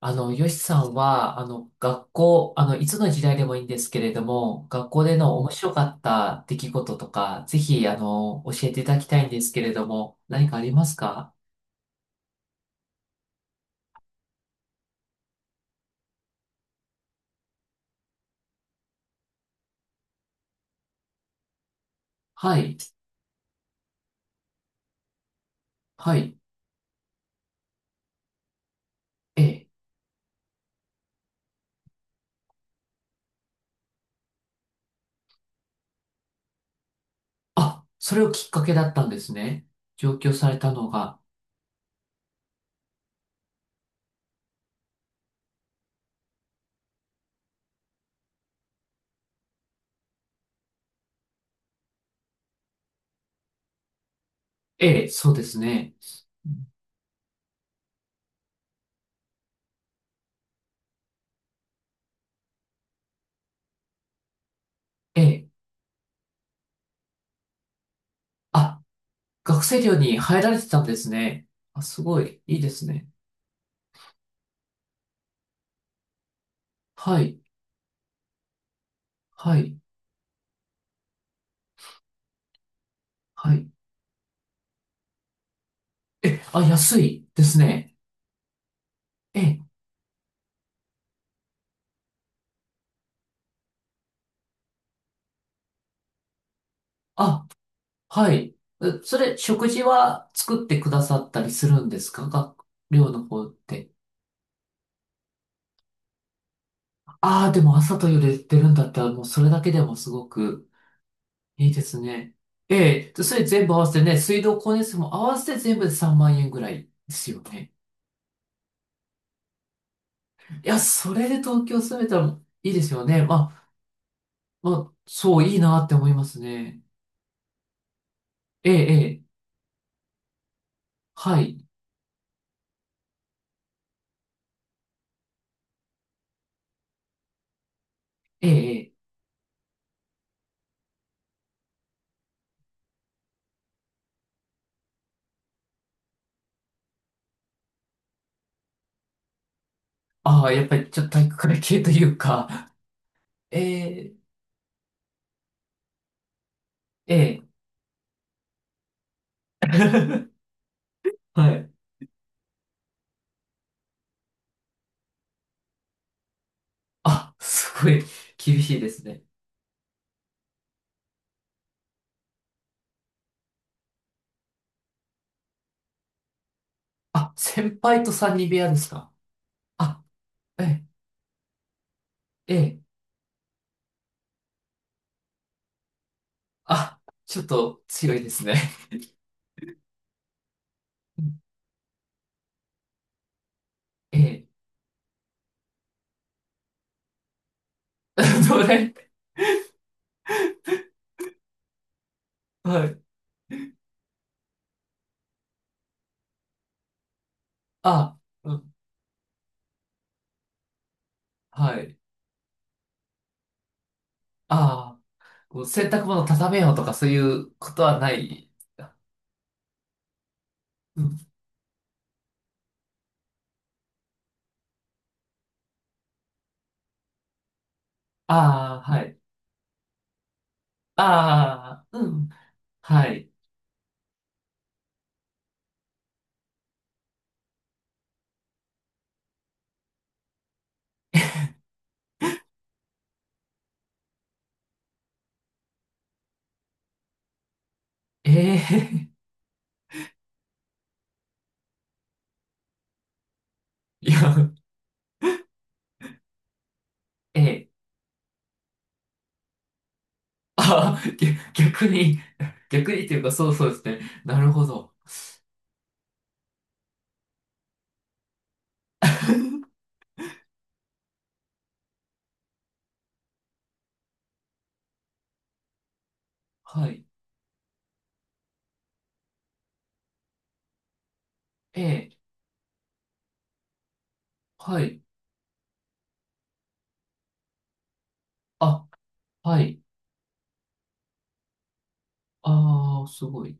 よしさんは、学校、あの、いつの時代でもいいんですけれども、学校での面白かった出来事とか、ぜひ、教えていただきたいんですけれども、何かありますか？はい、はい、ええ。あ、それをきっかけだったんですね。上京されたのが。ええ、そうですね。ええ。あ、学生寮に入られてたんですね。あ、すごい、いいですね。はい、はい、はい。え、あ、安いですね。ええ、あ、はい。えそれ、食事は作ってくださったりするんですか学寮の方って？ああ、でも朝と夜出てるんだったら、もうそれだけでもすごくいいですね。ええ、それ全部合わせてね、水道光熱費も合わせて全部で3万円ぐらいですよね。いや、それで東京住めたらいいですよね。まあ、そう、いいなって思いますね。ええ、ええ、はい。ええ、ええ。ああ、やっぱりちょっと体育会系というか、ええ、ええ。はい。あ、すごい厳しいですね。あ、先輩と三人部屋ですか？あ、ええ、ええ、あ、ちょっと強いですね。ええ、どれはい。あ、うん、はい。ああ、こう洗濯物畳めようとかそういうことはない。うん、ああ、はい。ああ、うん、はい。ええ、いや、ええ、ああ、ぎ逆に、逆にっていうか、そうそうですね。なるほど。はい。ええ、はい。あ、はい。ああ、すごい。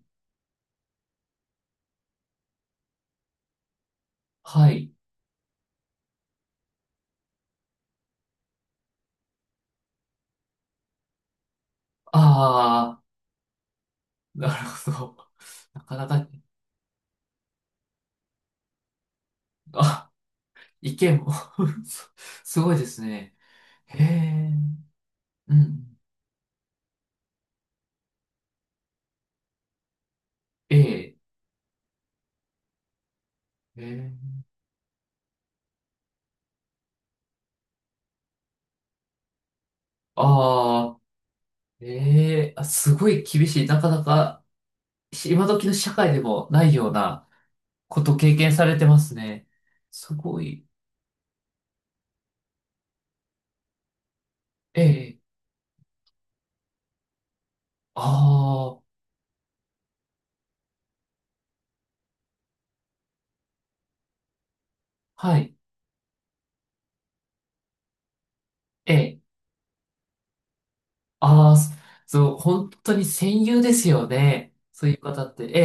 はい。ああ、なるほど。なかなか、あ、意見も すすごいですね。へえ、うん。ええ、ええ、ああ、ええ、あ、すごい厳しい。なかなか、今時の社会でもないようなこと経験されてますね。すごい。ええ、ああ、はい。ええ、ああ、そう、本当に戦友ですよね。そういう方って。え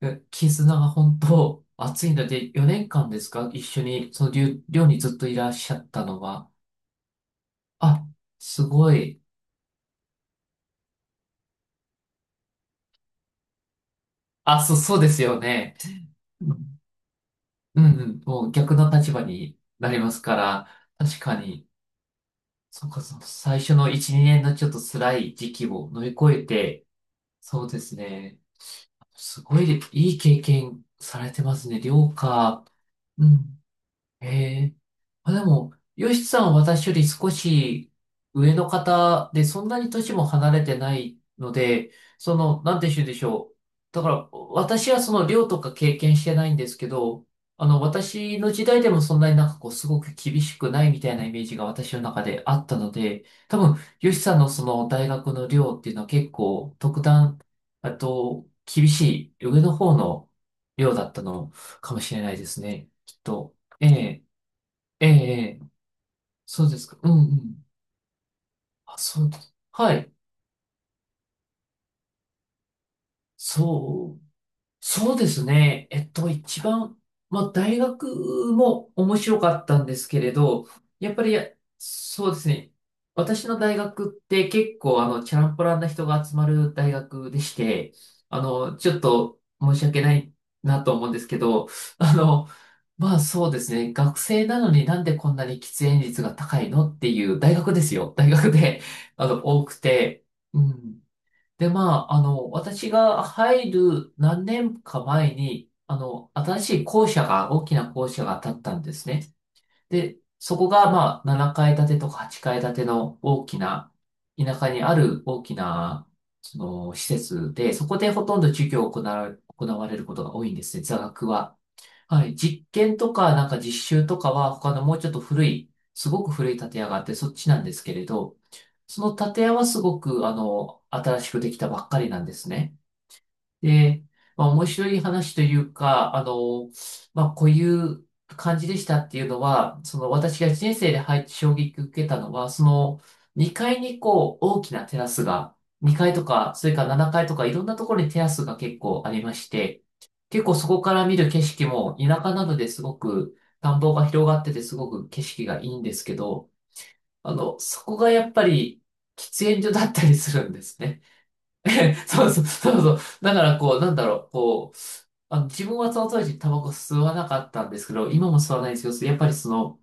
え、絆が本当熱いので、4年間ですか一緒に、その寮にずっといらっしゃったのは。あ、すごい。あ、そう、そうですよね。うんうん。もう逆の立場になりますから、確かに、そうか、そう、最初の1、2年のちょっと辛い時期を乗り越えて、そうですね、すごいいい経験されてますね、寮か。うん。ええ。あ、でも、ヨシさんは私より少し上の方で、そんなに年も離れてないので、その、なんて言うんでしょう。だから、私はその寮とか経験してないんですけど、私の時代でもそんなになんかこう、すごく厳しくないみたいなイメージが私の中であったので、多分、ヨシさんのその大学の寮っていうのは結構特段、あと、厳しい上の方の寮だったのかもしれないですね。きっと。ええ、ええ、ええ。そうですか。うんうん。あ、そうです。はい。そうそうですね。一番、まあ、大学も面白かったんですけれど、やっぱり、そうですね。私の大学って結構、チャランポランな人が集まる大学でして、ちょっと申し訳ないなと思うんですけど、あの、まあそうですね。学生なのになんでこんなに喫煙率が高いのっていう大学ですよ。大学で、多くて、うん。で、まあ、私が入る何年か前に、新しい校舎が、大きな校舎が建ったんですね。で、そこが、まあ、7階建てとか8階建ての大きな、田舎にある大きな、その、施設で、そこでほとんど授業を行われることが多いんですね、座学は。はい。実験とか、なんか実習とかは、他のもうちょっと古い、すごく古い建屋があって、そっちなんですけれど、その建屋はすごく、新しくできたばっかりなんですね。で、まあ、面白い話というか、まあ、こういう感じでしたっていうのは、その私が人生で入って衝撃を受けたのは、その2階にこう大きなテラスが、2階とか、それから7階とかいろんなところにテラスが結構ありまして、結構そこから見る景色も田舎なのですごく田んぼが広がっててすごく景色がいいんですけど、そこがやっぱり喫煙所だったりするんですね。そうそうそうそう。だからこう、なんだろう、こう、自分はその当時タバコ吸わなかったんですけど、今も吸わないんですけど、やっぱりその、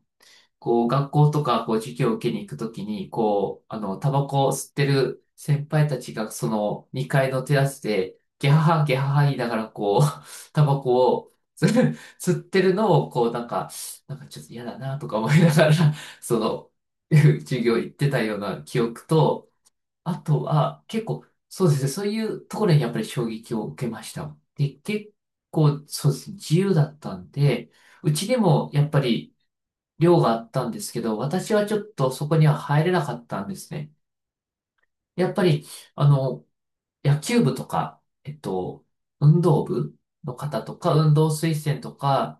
こう、学校とか、こう、授業を受けに行くときに、こう、タバコを吸ってる先輩たちが、その、2階のテラスで、ゲハハ、ゲハハ言いながら、こう、タバコを、吸ってるのを、こう、なんか、なんかちょっと嫌だな、とか思いながら、その、授業行ってたような記憶と、あとは、結構、そうですね、そういうところにやっぱり衝撃を受けました。で、結構、そうですね、自由だったんで、うちでも、やっぱり、寮があったんですけど、私はちょっとそこには入れなかったんですね。やっぱり、あの、野球部とか、運動部の方とか、運動推薦とか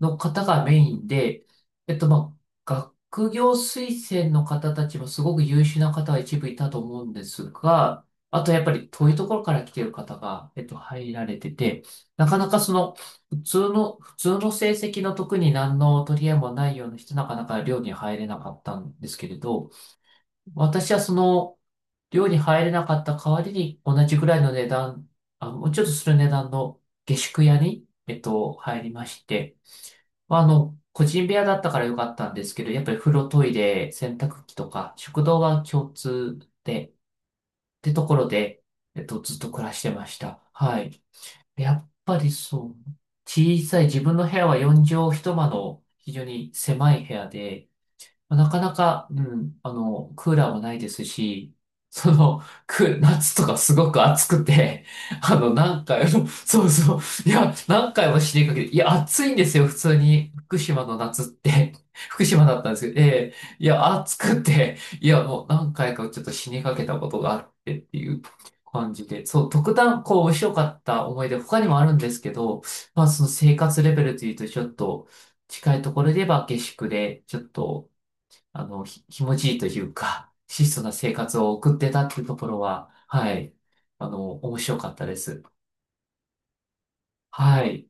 の方がメインで、まあ、学業推薦の方たちもすごく優秀な方が一部いたと思うんですが、あとやっぱり遠いところから来ている方が、入られてて、なかなかその、普通の成績の特に何の取り合いもないような人、なかなか寮に入れなかったんですけれど、私はその、寮に入れなかった代わりに同じぐらいの値段、あ、もうちょっとする値段の下宿屋に、入りまして、まあ、個人部屋だったからよかったんですけど、やっぱり風呂、トイレ、洗濯機とか、食堂が共通で、ってところで、ずっと暮らしてました。はい。やっぱりそう。小さい、自分の部屋は4畳一間の非常に狭い部屋で、まあなかなか、うん、クーラーもないですし、その、夏とかすごく暑くて、何回も、そうそう、いや、何回も死にかけて、いや、暑いんですよ、普通に。福島の夏って、福島だったんですけど、えいや、暑くて、いや、もう何回かちょっと死にかけたことがあってっていう感じで、そう、特段、こう、面白かった思い出、他にもあるんですけど、まあ、その生活レベルというと、ちょっと、近いところで言えば下宿で、ちょっと、気持ちいいというか、質素な生活を送ってたっていうところは、はい、面白かったです。はい。